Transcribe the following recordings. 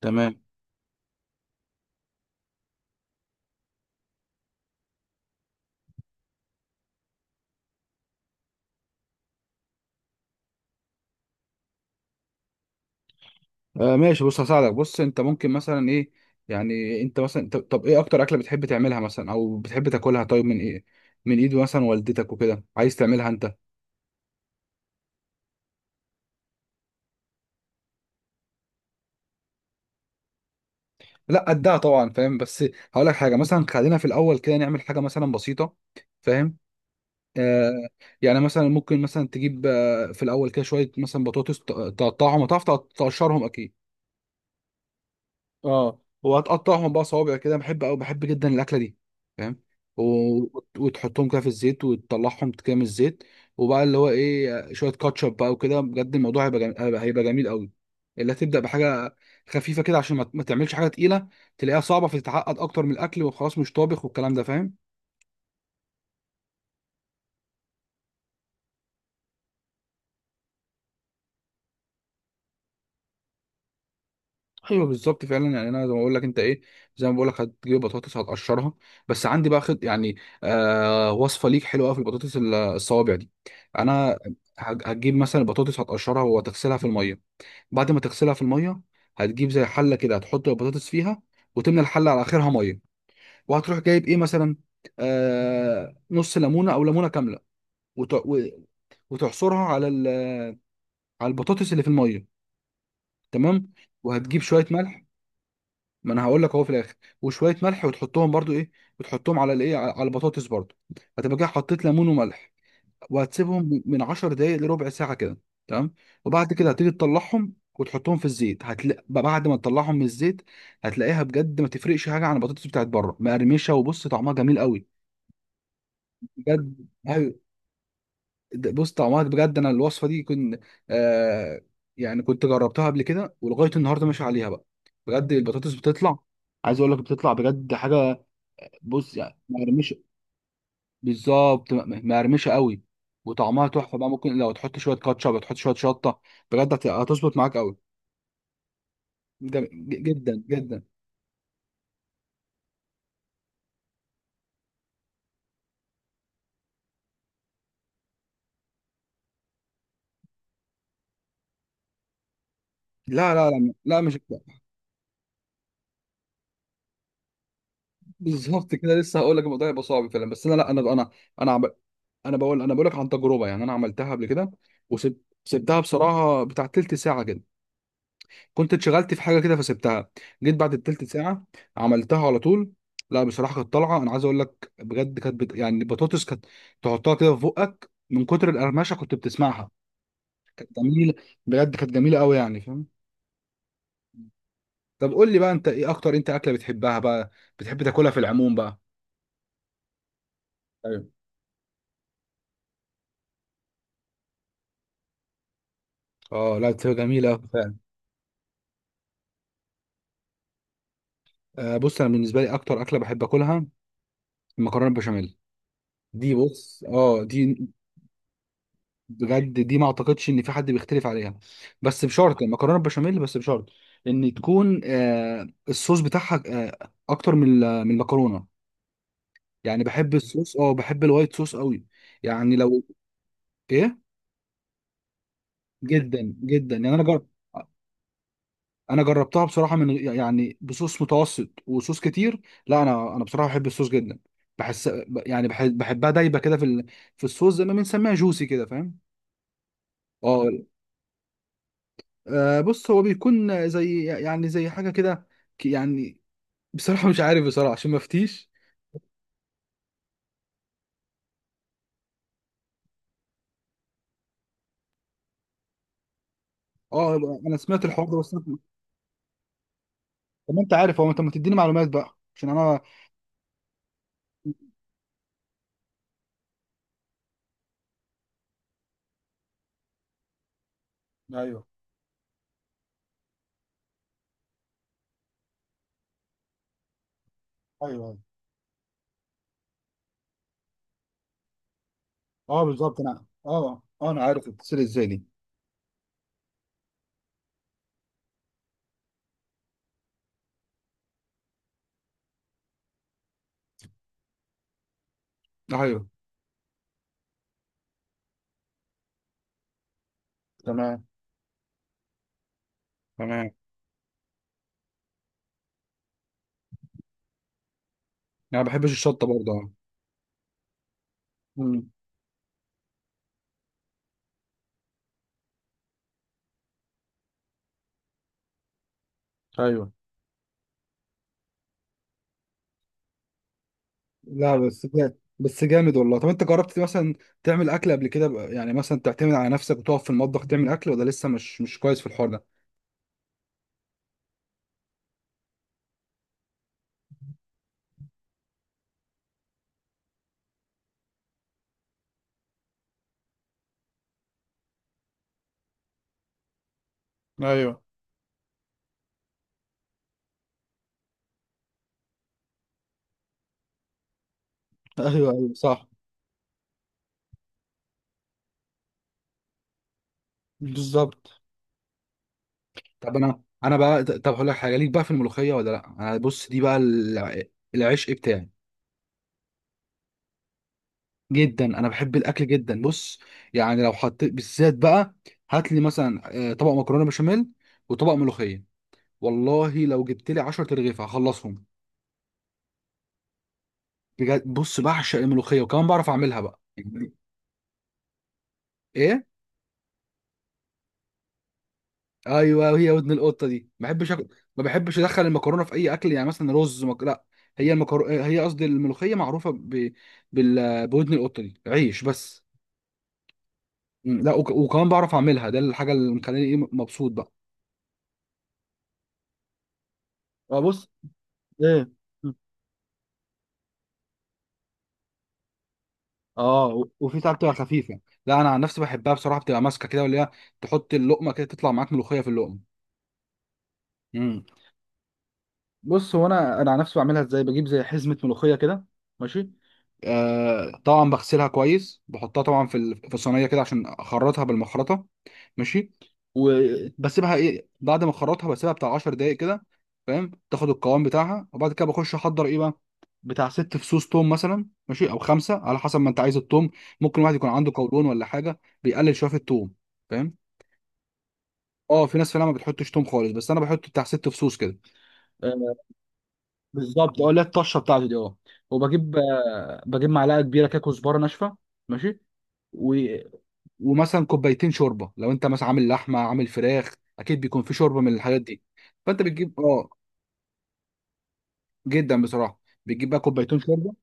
تمام. آه، ماشي، بص هساعدك. بص، انت ممكن مثلا ايه؟ يعني انت مثلا طب ايه اكتر اكله بتحب تعملها مثلا او بتحب تاكلها؟ طيب من ايه، من ايد مثلا والدتك وكده، عايز تعملها انت؟ لا قدها طبعا، فاهم؟ بس هقول لك حاجه، مثلا خلينا في الاول كده نعمل حاجه مثلا بسيطه. فاهم؟ آه. يعني مثلا ممكن مثلا تجيب في الاول كده شويه مثلا بطاطس، تقطعهم. هتعرف تقشرهم اكيد. اه، وهتقطعهم بقى صوابع كده، بحب او بحب جدا الاكله دي. فاهم؟ و... وتحطهم كده في الزيت وتطلعهم كده من الزيت، وبقى اللي هو ايه، شويه كاتشب بقى وكده. بجد الموضوع هيبقى جميل قوي. اللي هتبدا بحاجه خفيفه كده عشان ما تعملش حاجه تقيله تلاقيها صعبه فتتعقد اكتر من الاكل وخلاص مش طابخ والكلام ده. فاهم؟ ايوه بالظبط فعلا. يعني انا زي ما بقول لك انت ايه، زي ما بقول لك هتجيب بطاطس هتقشرها، بس عندي بقى خد يعني وصفه ليك حلوه قوي في البطاطس الصوابع دي. انا هتجيب مثلا البطاطس هتقشرها وهتغسلها في الميه. بعد ما تغسلها في الميه هتجيب زي حله كده هتحط البطاطس فيها، وتملى الحله على اخرها ميه. وهتروح جايب ايه مثلا، نص ليمونه او ليمونه كامله، وت- و- وتعصرها على البطاطس اللي في الميه. تمام. وهتجيب شويه ملح. ما انا هقول لك اهو في الاخر. وشويه ملح وتحطهم برضو ايه، وتحطهم على الايه، على البطاطس برضو. هتبقى كده حطيت ليمون وملح، وهتسيبهم من 10 دقايق لربع ساعه كده. تمام. وبعد كده هتيجي تطلعهم وتحطهم في الزيت. هتلاقي بعد ما تطلعهم من الزيت، هتلاقيها بجد ما تفرقش حاجه عن البطاطس بتاعت بره، مقرمشه وبص طعمها جميل قوي. بجد أيوة. بص طعمها بجد، انا الوصفه دي كنت، آه، يعني كنت جربتها قبل كده ولغايه النهارده ماشي عليها بقى. بجد البطاطس بتطلع، عايز اقول لك بتطلع بجد حاجه، بص يعني ما يرميش. بالظبط، ما يرميش قوي. وطعمها تحفه بقى. ممكن لو تحط شويه كاتشب تحط شويه شطه، بجد هتظبط معاك قوي. جدا جدا. لا، مش كده. بالظبط كده، لسه هقول لك الموضوع يبقى صعب فعلا، بس انا لا، انا عمل، انا بقول لك عن تجربه. يعني انا عملتها قبل كده وسبتها بصراحه بتاع تلت ساعه كده، كنت اتشغلت في حاجه كده فسبتها، جيت بعد التلت ساعه عملتها على طول. لا بصراحه كانت طالعه، انا عايز اقول لك بجد كانت يعني البطاطس كانت تحطها كده في بقك من كتر القرمشه كنت بتسمعها. كانت جميله، بجد كانت جميله قوي يعني. فاهم؟ طب قول لي بقى انت ايه اكتر اكله بتحبها بقى، بتحب تاكلها في العموم بقى؟ ايوه. اه، لا بتبقى جميله أوي فعلا. آه بص، انا بالنسبه لي اكتر اكله بحب اكلها المكرونه البشاميل دي. بص اه دي بجد دي، ما اعتقدش ان في حد بيختلف عليها، بس بشرط المكرونه البشاميل بس بشرط ان تكون، آه، الصوص بتاعها آه اكتر من المكرونه. يعني بحب الصوص، اه بحب الوايت صوص قوي، يعني لو ايه. جدا جدا. يعني انا جرب، انا جربتها بصراحه يعني بصوص متوسط وصوص كتير. لا انا بصراحه بحب الصوص جدا، بحس يعني بحب، بحبها دايبه كده في الصوص، زي ما بنسميها جوسي كده. فاهم؟ اه. آه، بص هو بيكون زي يعني زي حاجه كده، يعني بصراحه مش عارف بصراحه عشان ما افتيش. اه. انا سمعت الحوار ده بس طب ما انت عارف، هو انت ما تديني معلومات بقى عشان انا. ايوه ايوه ايوه. اه بالظبط، انا اه انا عارف بتتصل ازاي دي. ايوه. تمام. تمام. انا ما بحبش الشطه برضه، اه. امم. ايوه. لا بس جامد، بس جامد والله. طب انت جربت مثلا تعمل اكل قبل كده بقى؟ يعني مثلا تعتمد على نفسك وتقف في المطبخ تعمل اكل، ولا لسه مش كويس في الحوار ده؟ ايوه. ايوه ايوه صح. بالظبط. طب انا بقى، طب هقول لك حاجه ليك بقى في الملوخيه، ولا لا انا بص دي بقى العشق بتاعي. جدا، انا بحب الاكل جدا. بص يعني لو حطيت بالذات بقى، هات لي مثلا، آه، طبق مكرونه بشاميل وطبق ملوخيه، والله لو جبت لي 10 ترغيف هخلصهم. بجد بص بعشق الملوخيه وكمان بعرف اعملها بقى. ايه؟ ايوه هي ودن القطه دي، ما بحبش ادخل المكرونه في اي اكل، يعني مثلا لا، هي قصدي الملوخيه معروفه بودن القطه دي عيش بس. مم، لا وكمان بعرف اعملها، ده الحاجه اللي مخليني ايه مبسوط بقى. اه بص. ايه؟ مم. اه، وفي ساعات بتبقى خفيفه. لا انا عن نفسي بحبها بصراحه بتبقى ماسكه كده، ولا هي تحط اللقمه كده تطلع معاك ملوخيه في اللقمه. مم. بص هو انا على نفسي بعملها ازاي. بجيب زي حزمه ملوخيه كده. ماشي. آه طبعا بغسلها كويس، بحطها طبعا في الصينيه كده عشان اخرطها بالمخرطه. ماشي. وبسيبها ايه، بعد ما اخرطها بسيبها بتاع 10 دقائق كده. فاهم؟ تاخد القوام بتاعها. وبعد كده بخش احضر ايه بقى، بتاع ست فصوص توم مثلا، ماشي، او خمسه على حسب ما انت عايز التوم. ممكن واحد يكون عنده قولون ولا حاجه بيقلل شويه في التوم. فاهم؟ اه، في ناس فعلا ما بتحطش توم خالص، بس انا بحط بتاع ست فصوص كده. بالظبط. اه، لا الطشه بتاعته دي اه. وبجيب، آه، بجيب معلقه كبيره كده كزبره ناشفه. ماشي. و... ومثلا كوبايتين شوربه، لو انت مثلا عامل لحمه عامل فراخ اكيد بيكون في شوربه من الحاجات دي. فانت بتجيب اه. جدا بصراحه. بتجيب بقى كوبايتين شوربه.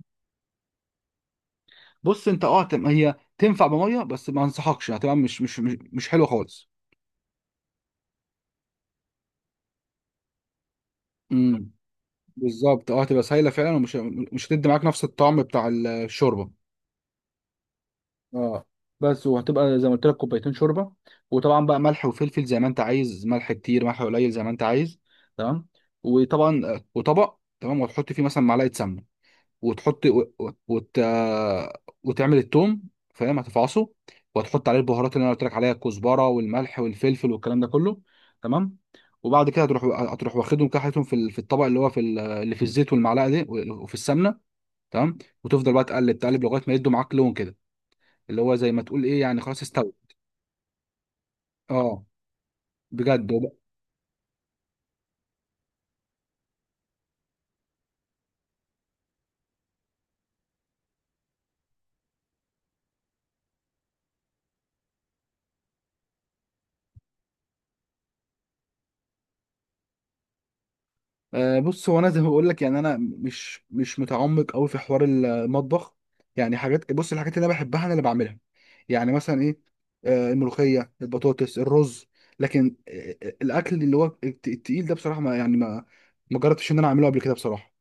بص انت اه، هي تنفع بميه بس ما انصحكش، هتبقى مش مش حلوه خالص. امم. بالظبط اه، هتبقى سايله فعلا، مش هتدي معاك نفس الطعم بتاع الشوربه. اه بس. وهتبقى زي ما قلت لك كوبايتين شوربه، وطبعا بقى ملح وفلفل زي ما انت عايز، ملح كتير ملح قليل زي ما انت عايز. تمام. وطبعا، آه، وطبق تمام، وتحط فيه مثلا معلقه سمنه، وتحط و... و- وت... آه، وتعمل التوم. فاهم؟ هتفعصه وتحط عليه البهارات اللي انا قلت لك عليها، الكزبره والملح والفلفل والكلام ده كله. تمام. وبعد كده هتروح واخدهم كده حاططهم في الطبق اللي هو اللي في الزيت والمعلقه دي وفي السمنه. تمام. وتفضل بقى تقلب تقلب لغايه ما يدوا معاك لون كده، اللي هو زي ما تقول ايه يعني خلاص استوى. اه بجد آه بص هو انا زي ما بقول لك، يعني انا مش متعمق قوي في حوار المطبخ. يعني حاجات بص، الحاجات اللي انا بحبها انا اللي بعملها. يعني مثلا ايه، آه الملوخيه البطاطس الرز. لكن الاكل اللي هو التقيل ده بصراحه ما يعني ما ما جربتش ان انا اعمله قبل كده بصراحه.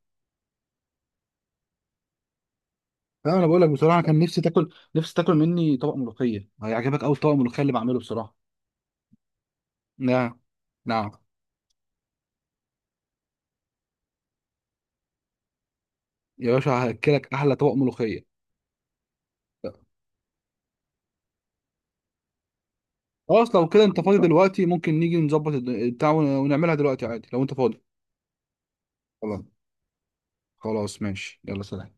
فانا بقول لك بصراحه كان نفسي تاكل، نفسي تاكل مني طبق ملوخيه هيعجبك قوي، طبق الملوخيه اللي بعمله بصراحه. نعم. نعم. يا باشا هاكلك احلى طبق ملوخيه. خلاص لو كده انت فاضي دلوقتي ممكن نيجي نظبط بتاع ونعملها دلوقتي عادي لو انت فاضي. خلاص. خلاص ماشي، يلا سلام.